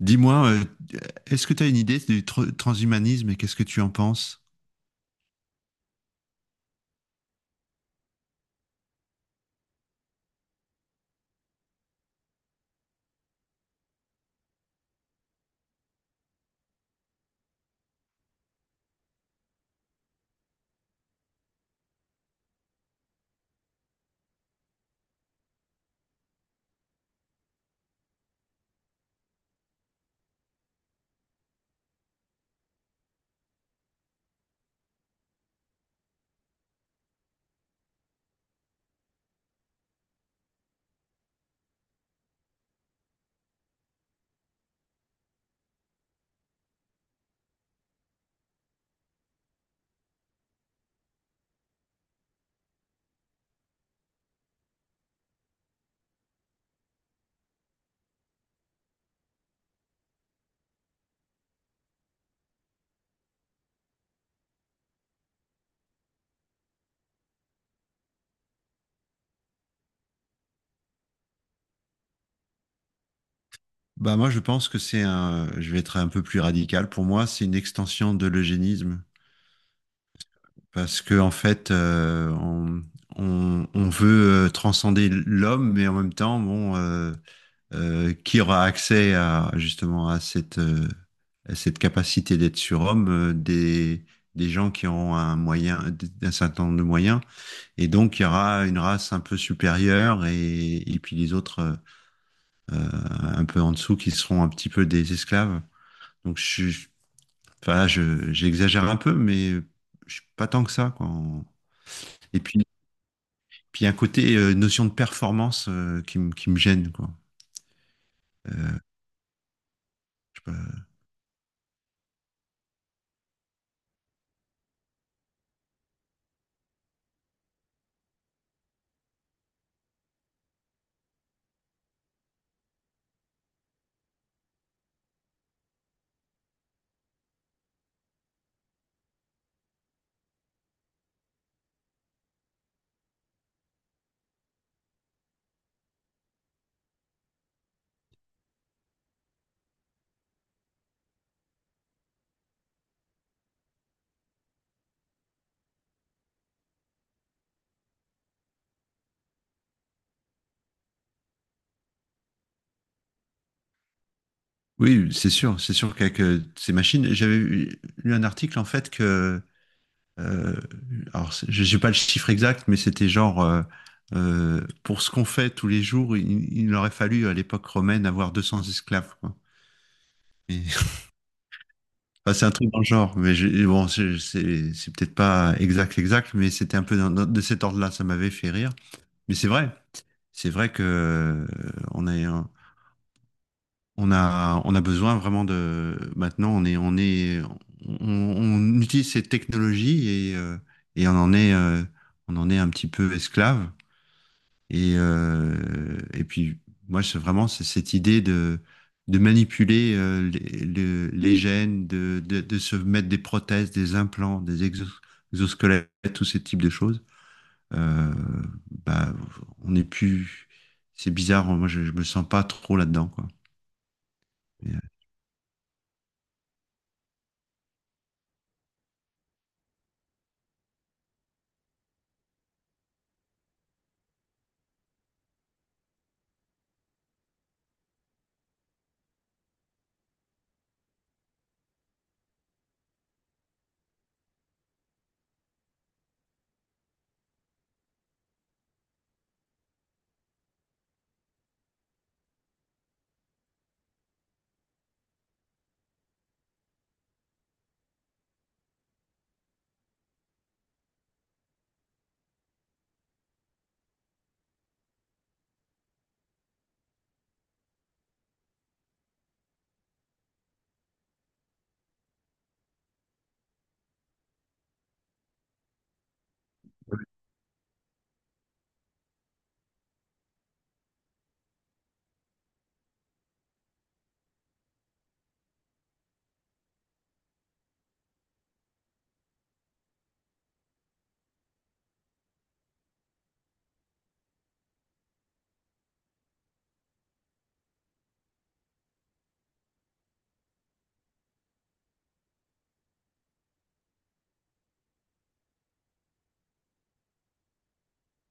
Dis-moi, est-ce que tu as une idée du transhumanisme et qu'est-ce que tu en penses? Bah moi, je pense que je vais être un peu plus radical. Pour moi, c'est une extension de l'eugénisme parce que en fait, on veut transcender l'homme, mais en même temps, qui aura accès à justement à cette capacité d'être surhomme, des gens qui auront un certain nombre de moyens. Et donc, il y aura une race un peu supérieure et puis les autres, un peu en dessous, qui seront un petit peu des esclaves. Donc, je suis, enfin là, j'exagère un peu, mais je suis pas tant que ça, quoi. Et puis, il y a un côté notion de performance, qui me gêne, quoi. Euh, je sais pas. Oui, c'est sûr qu'avec ces machines, j'avais lu un article en fait que Euh, je n'ai pas le chiffre exact, mais c'était genre, pour ce qu'on fait tous les jours, il aurait fallu à l'époque romaine avoir 200 esclaves, quoi. Et- enfin, c'est un truc dans le genre, mais bon, c'est peut-être pas exact, exact, mais c'était un peu de cet ordre-là, ça m'avait fait rire. Mais c'est vrai que on est, un- on a besoin vraiment de. Maintenant, on utilise ces technologies et on en est un petit peu esclave. Et, moi, c'est vraiment c'est cette idée de manipuler les gènes, de se mettre des prothèses, des implants, des exosquelettes, tous ces types de choses. Euh, bah, on n'est plus. C'est bizarre, moi, je me sens pas trop là-dedans, quoi. Et, euh,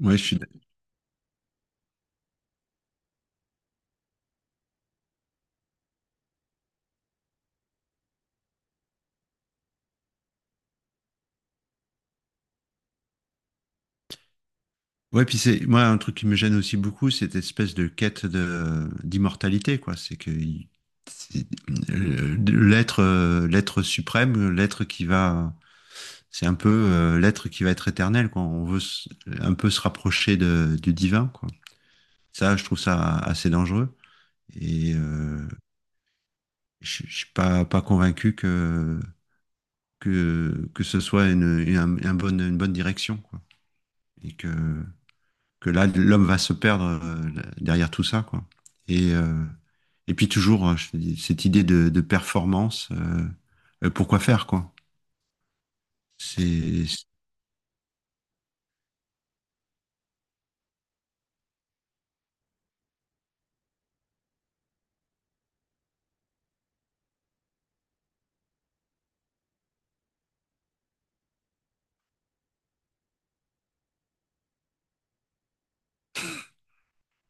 ouais, je suis Ouais, puis c'est moi un truc qui me gêne aussi beaucoup, cette espèce de quête de d'immortalité, quoi. C'est que c'est- l'être suprême, l'être qui va, c'est un peu l'être qui va être éternel, quoi. On veut un peu se rapprocher de, du divin, quoi. Ça, je trouve ça assez dangereux. Et je suis pas convaincu que ce soit une bonne direction, quoi. Et que là, l'homme va se perdre derrière tout ça, quoi. Et, et puis toujours, hein, je te dis, cette idée de performance, pourquoi faire, quoi. C'est,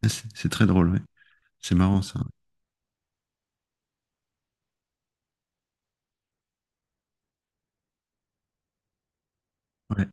c'est très drôle, ouais. C'est marrant, ça. Ouais.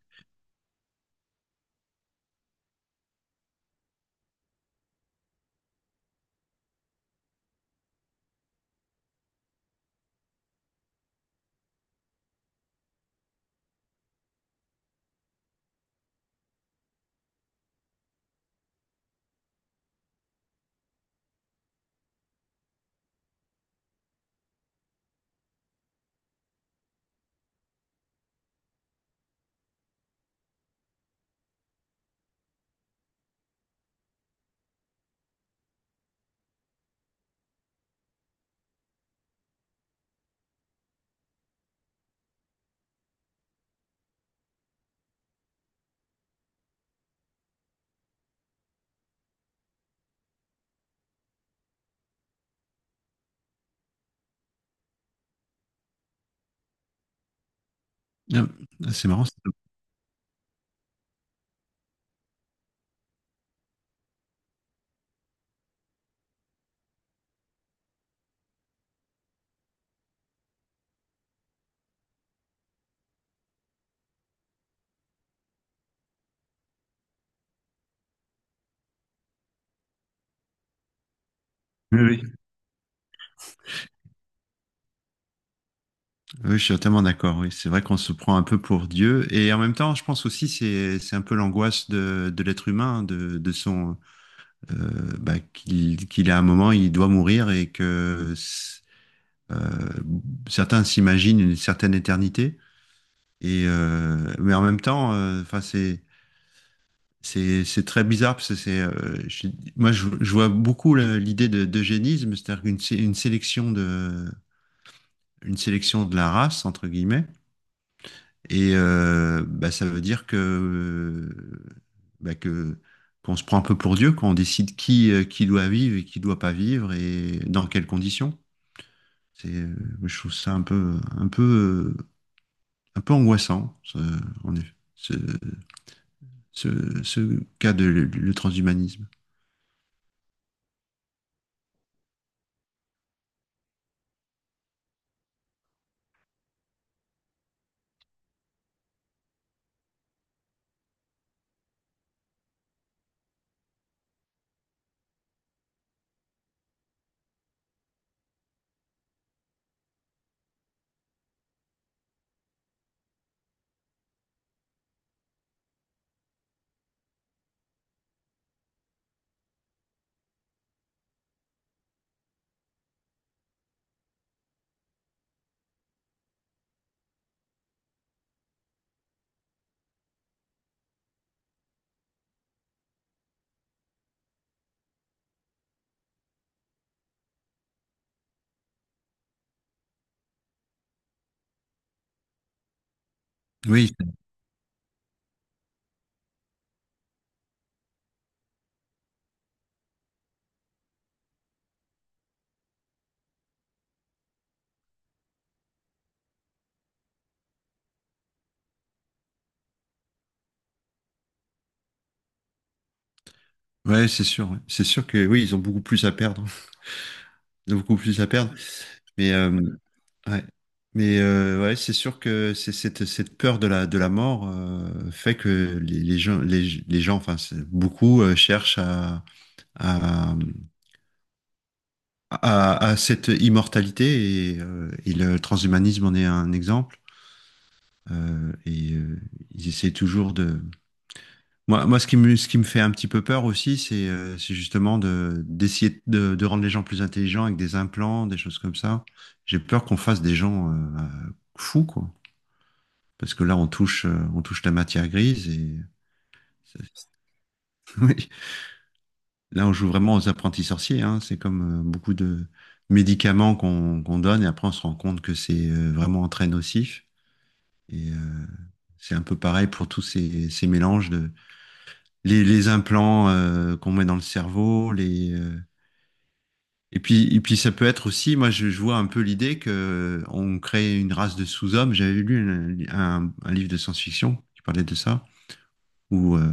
Ah, c'est marrant. Ça. Oui, oui. Oui, je suis totalement d'accord. Oui, c'est vrai qu'on se prend un peu pour Dieu. Et en même temps, je pense aussi c'est un peu l'angoisse de l'être humain, de son qu'il a un moment, il doit mourir et que euh, certains s'imaginent une certaine éternité. Et en même temps, enfin c'est très bizarre parce que moi je vois beaucoup l'idée de d'eugénisme, c'est-à-dire une sélection de la race entre guillemets. Et ça veut dire que bah, que qu'on se prend un peu pour Dieu quand on décide qui doit vivre et qui doit pas vivre et dans quelles conditions. C'est je trouve ça un peu angoissant, en effet, ce cas de le transhumanisme. Oui, ouais, c'est sûr. Ouais. C'est sûr que oui, ils ont beaucoup plus à perdre. Ils ont beaucoup plus à perdre. Mais euh, ouais. Mais ouais, c'est sûr que c'est cette, cette peur de la mort fait que les gens enfin beaucoup cherchent à, à cette immortalité et le transhumanisme en est un exemple, euh, et euh, ils essaient toujours de Moi, moi, ce qui me fait un petit peu peur aussi, c'est justement de d'essayer de rendre les gens plus intelligents avec des implants, des choses comme ça. J'ai peur qu'on fasse des gens fous, quoi. Parce que là, on touche la matière grise ça- oui. Là, on joue vraiment aux apprentis sorciers, hein. C'est comme beaucoup de médicaments qu'on donne et après, on se rend compte que c'est vraiment très nocif. Et c'est un peu pareil pour ces mélanges de les implants qu'on met dans le cerveau, les et puis, ça peut être aussi, moi je vois un peu l'idée que on crée une race de sous-hommes. J'avais lu un livre de science-fiction qui parlait de ça, où, euh,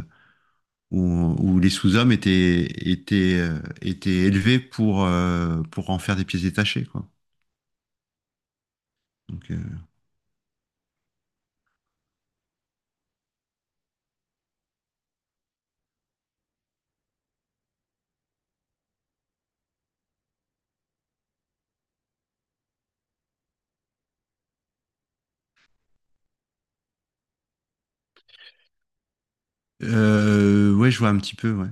où les sous-hommes étaient, étaient élevés pour en faire des pièces détachées, quoi. Donc, euh, ouais, je vois un petit peu, ouais.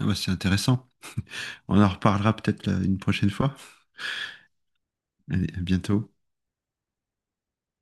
Ah bah, c'est intéressant. On en reparlera peut-être une prochaine fois. Allez, à bientôt.